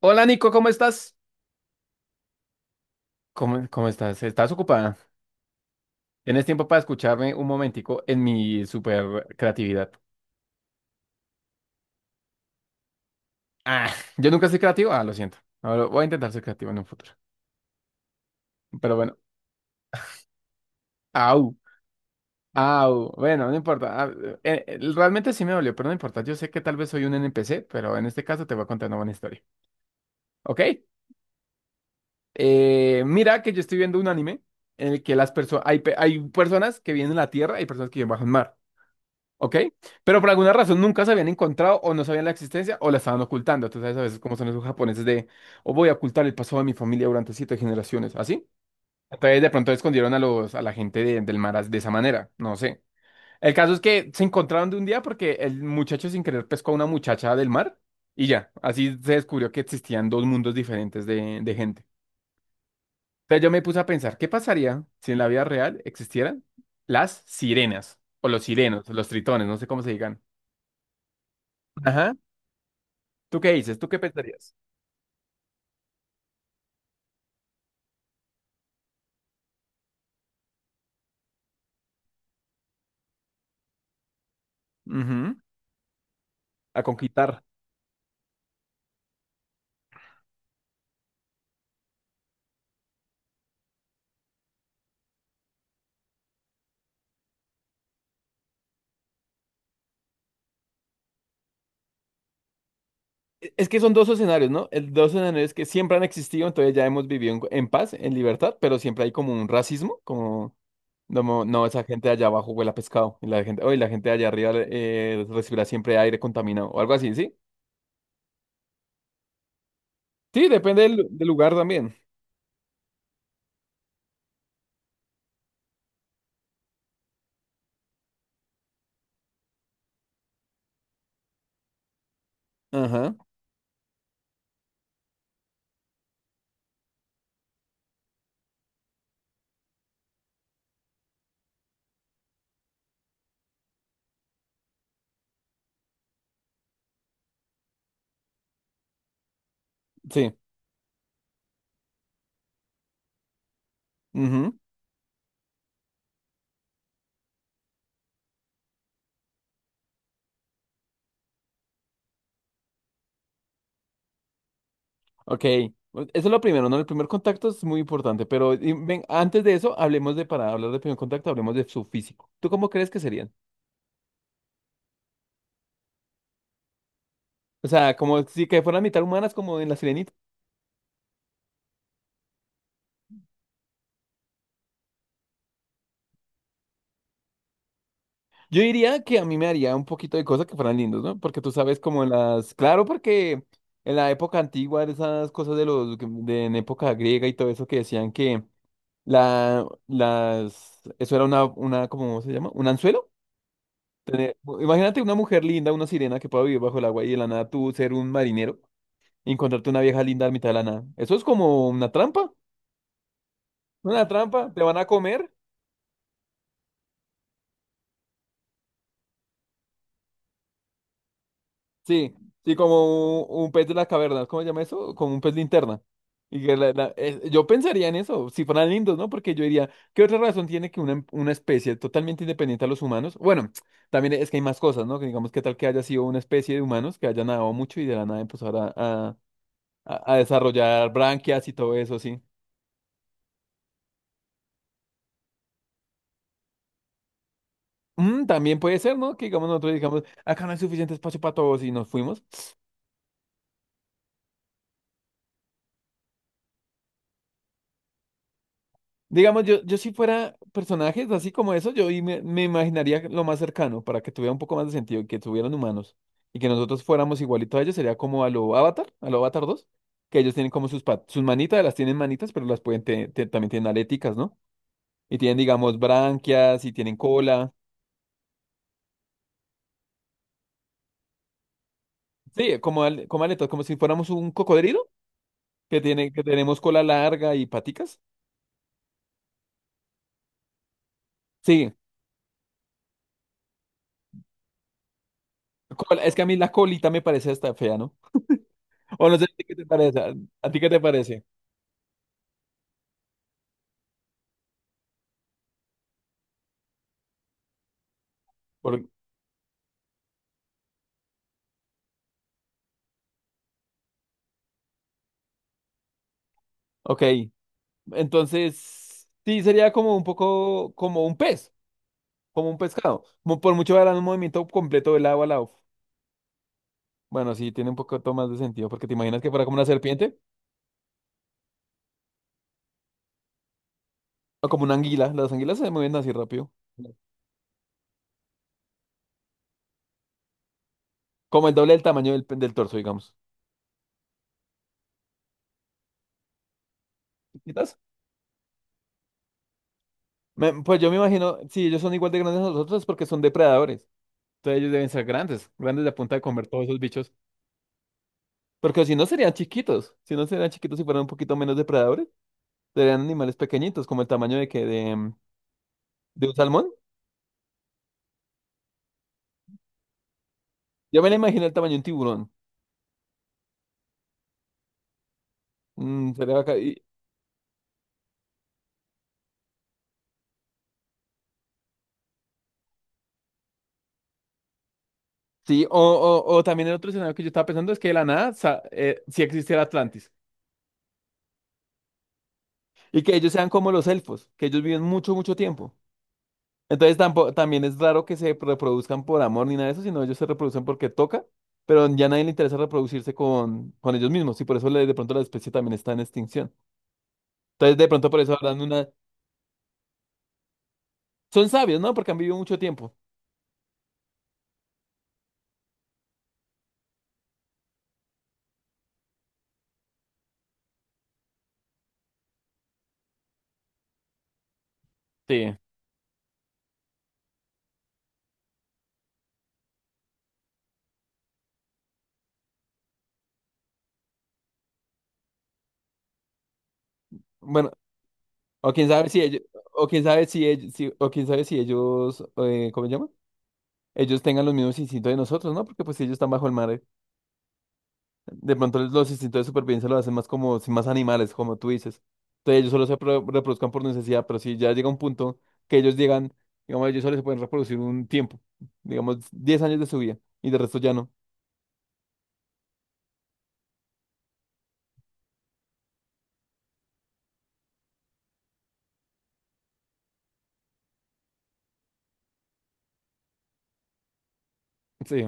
Hola Nico, ¿cómo estás? ¿Cómo estás? ¿Estás ocupada? ¿Tienes tiempo para escucharme un momentico en mi super creatividad? Ah, yo nunca soy creativo. Ah, lo siento. Ahora voy a intentar ser creativo en un futuro. Pero bueno, au, au. Bueno, no importa. Ah, realmente sí me dolió, pero no importa. Yo sé que tal vez soy un NPC, pero en este caso te voy a contar una buena historia. ¿Ok? Mira que yo estoy viendo un anime en el que las personas, hay, hay personas que vienen a la Tierra y personas que viven bajo el mar. ¿Ok? Pero por alguna razón nunca se habían encontrado o no sabían la existencia o la estaban ocultando. Tú sabes a veces cómo son esos japoneses de, o voy a ocultar el pasado de mi familia durante siete generaciones, ¿así? Entonces de pronto escondieron a los, a la gente del mar de esa manera, no sé. El caso es que se encontraron de un día porque el muchacho sin querer pescó a una muchacha del mar y ya, así se descubrió que existían dos mundos diferentes de gente. Entonces yo me puse a pensar, ¿qué pasaría si en la vida real existieran las sirenas o los sirenos, los tritones, no sé cómo se digan? Ajá. ¿Tú qué dices? ¿Tú qué pensarías? Ujú. A conquistar. Es que son dos escenarios, ¿no? El dos escenarios que siempre han existido, entonces ya hemos vivido en paz, en libertad, pero siempre hay como un racismo, como, no, no, esa gente de allá abajo huele a pescado, y la gente, oye, la gente de allá arriba recibirá siempre aire contaminado, o algo así, ¿sí? Sí, depende del lugar también. Ajá, sí. Ujú. Ok. Eso es lo primero, ¿no? El primer contacto es muy importante, pero y ven, antes de eso, hablemos de, para hablar de primer contacto, hablemos de su físico. ¿Tú cómo crees que sería? O sea, como si que fueran mitad humanas como en La Sirenita. Yo diría que a mí me haría un poquito de cosas que fueran lindos, ¿no? Porque tú sabes como en las. Claro, porque en la época antigua, esas cosas de los, de en época griega y todo eso que decían que la, las. Eso era una ¿cómo se llama? ¿Un anzuelo? Imagínate una mujer linda, una sirena que pueda vivir bajo el agua y de la nada tú ser un marinero y encontrarte una vieja linda a mitad de la nada. Eso es como una trampa. Una trampa. Te van a comer. Sí, sí, como un pez de las cavernas, ¿cómo se llama eso? Como un pez linterna. Y que yo pensaría en eso, si fueran lindos, ¿no? Porque yo diría, ¿qué otra razón tiene que una especie totalmente independiente a los humanos? Bueno, también es que hay más cosas, ¿no? Que digamos, ¿qué tal que haya sido una especie de humanos que haya nadado mucho y de la nada empezara a desarrollar branquias y todo eso, ¿sí? Mm, también puede ser, ¿no? Que digamos, nosotros digamos, acá no hay suficiente espacio para todos y nos fuimos. Digamos, yo si fuera personajes así como eso, yo y me imaginaría lo más cercano para que tuviera un poco más de sentido, y que tuvieran humanos y que nosotros fuéramos igualitos a ellos, sería como a lo Avatar 2 que ellos tienen como sus, sus manitas, las tienen manitas, pero las pueden, también tienen aléticas, ¿no? Y tienen, digamos, branquias y tienen cola. Sí, como, como aletas, como si fuéramos un cocodrilo, que tiene, que tenemos cola larga y paticas. Sí, es que a mí la colita me parece hasta fea, ¿no? O no sé, ¿a ti qué te parece? ¿A ti qué te parece? Ok, entonces sí sería como un poco como un pez, como un pescado. Por mucho harán un movimiento completo del agua al lado. Bueno, sí, tiene un poco más de sentido, porque te imaginas que fuera como una serpiente o como una anguila. Las anguilas se mueven así rápido, como el doble del tamaño del, del torso, digamos. Chiquitas. Pues yo me imagino, si ellos son igual de grandes a nosotros, es porque son depredadores. Entonces ellos deben ser grandes, grandes de a punta de comer todos esos bichos. Porque si no serían chiquitos, si no serían chiquitos y fueran un poquito menos depredadores, serían animales pequeñitos, como el tamaño de que de. ¿De un salmón? Yo me la imagino el tamaño de un tiburón. Mm, sería bacán. Y, sí, o también el otro escenario que yo estaba pensando es que de la nada sí existe el Atlantis. Y que ellos sean como los elfos, que ellos viven mucho, mucho tiempo. Entonces tampoco, también es raro que se reproduzcan por amor ni nada de eso, sino ellos se reproducen porque toca, pero ya nadie le interesa reproducirse con ellos mismos. Y por eso de pronto la especie también está en extinción. Entonces de pronto por eso hablan una. Son sabios, ¿no? Porque han vivido mucho tiempo. Sí. Bueno, o quién sabe si ellos, o quién sabe si ellos, o quién sabe si ellos, ¿cómo se llama? Ellos tengan los mismos instintos de nosotros, ¿no? Porque pues si ellos están bajo el mar, de pronto los instintos de supervivencia lo hacen más como, sin más animales, como tú dices. Entonces ellos solo se reproduzcan por necesidad, pero si ya llega un punto que ellos llegan, digamos, ellos solo se pueden reproducir un tiempo, digamos, 10 años de su vida, y de resto ya no. Sí,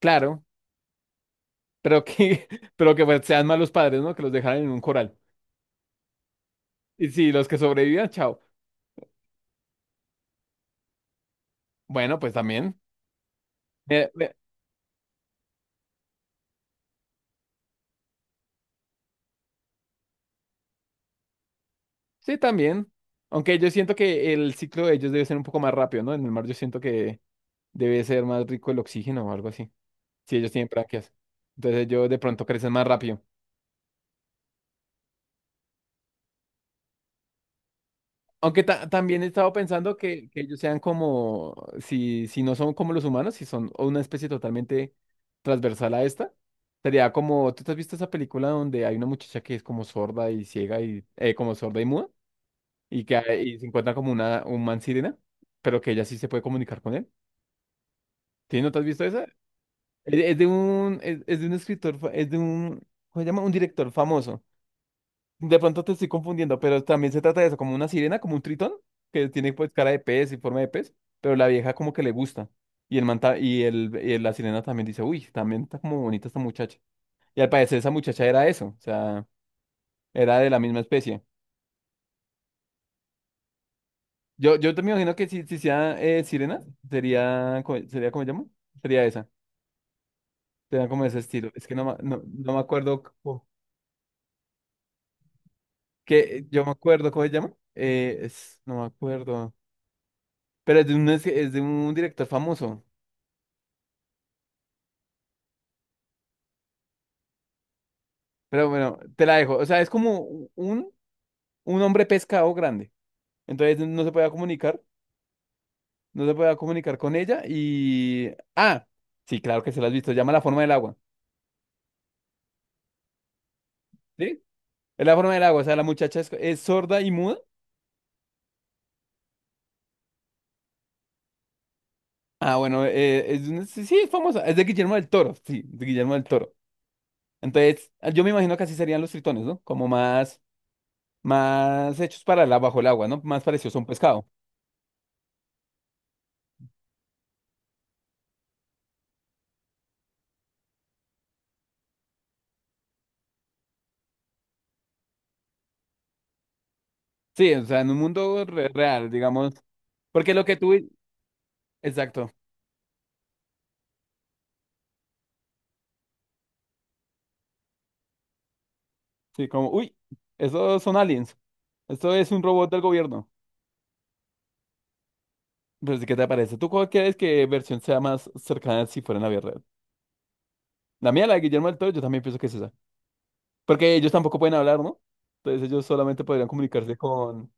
claro, pero que, pero que pues, sean malos padres, ¿no? Que los dejaran en un coral. Y si los que sobrevivan, chao. Bueno, pues también. Sí, también. Aunque yo siento que el ciclo de ellos debe ser un poco más rápido, ¿no? En el mar yo siento que debe ser más rico el oxígeno o algo así. Si ellos tienen branquias. Entonces ellos de pronto crecen más rápido. Aunque también he estado pensando que ellos sean como, si, no son como los humanos, si son una especie totalmente transversal a esta, sería como, ¿tú te has visto esa película donde hay una muchacha que es como sorda y ciega y, como sorda y muda? Y que hay, y se encuentra como una, un man sirena, pero que ella sí se puede comunicar con él. ¿Sí? ¿No te has visto esa? Es, es de un escritor, es de un, ¿cómo se llama? Un director famoso. De pronto te estoy confundiendo, pero también se trata de eso, como una sirena, como un tritón, que tiene pues cara de pez y forma de pez, pero la vieja como que le gusta. Y el manta y el, y la sirena también dice, uy, también está como bonita esta muchacha. Y al parecer esa muchacha era eso, o sea, era de la misma especie. Yo te me imagino que si sea sirena, sería, sería, ¿cómo se llama? Sería esa, sería como ese estilo. Es que no, no, no me acuerdo. Que yo me acuerdo, ¿cómo se llama? Es, no me acuerdo. Pero es de un director famoso. Pero bueno, te la dejo. O sea, es como un, un hombre pescado grande. Entonces no se podía comunicar. No se podía comunicar con ella. Y. Ah, sí, claro que se la has visto. Se llama La forma del agua. ¿Sí? Es la forma del agua. O sea, la muchacha es sorda y muda. Ah, bueno, es, un, sí, sí, es famosa. Es de Guillermo del Toro. Sí, de Guillermo del Toro. Entonces, yo me imagino que así serían los tritones, ¿no? Como más. Más hechos para la, bajo el agua, ¿no? Más parecidos a un pescado. Sí, o sea, en un mundo real, digamos. Porque lo que tú. Exacto. Sí, como, uy, esos son aliens. Esto es un robot del gobierno. Pero sí, ¿qué te parece? ¿Tú cuál crees que versión sea más cercana si fuera en la vida real? La mía, la de Guillermo del Toro, yo también pienso que es esa. Porque ellos tampoco pueden hablar, ¿no? Entonces ellos solamente podrían comunicarse con,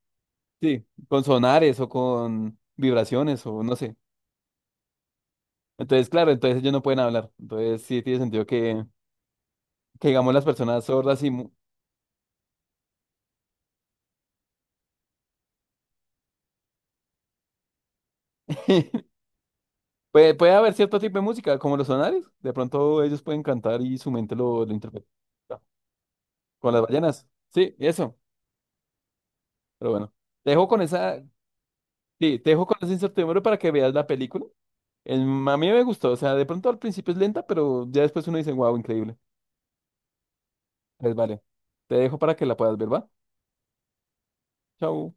sí, con sonares o con vibraciones o no sé. Entonces, claro, entonces ellos no pueden hablar. Entonces sí tiene sentido que digamos las personas sordas y. Puede, puede haber cierto tipo de música, como los sonares. De pronto ellos pueden cantar y su mente lo interpreta. Con las ballenas. Sí, eso. Pero bueno. Te dejo con esa. Sí, te dejo con esa incertidumbre para que veas la película. El, a mí me gustó. O sea, de pronto al principio es lenta, pero ya después uno dice, wow, increíble. Pues vale. Te dejo para que la puedas ver, ¿va? Chao.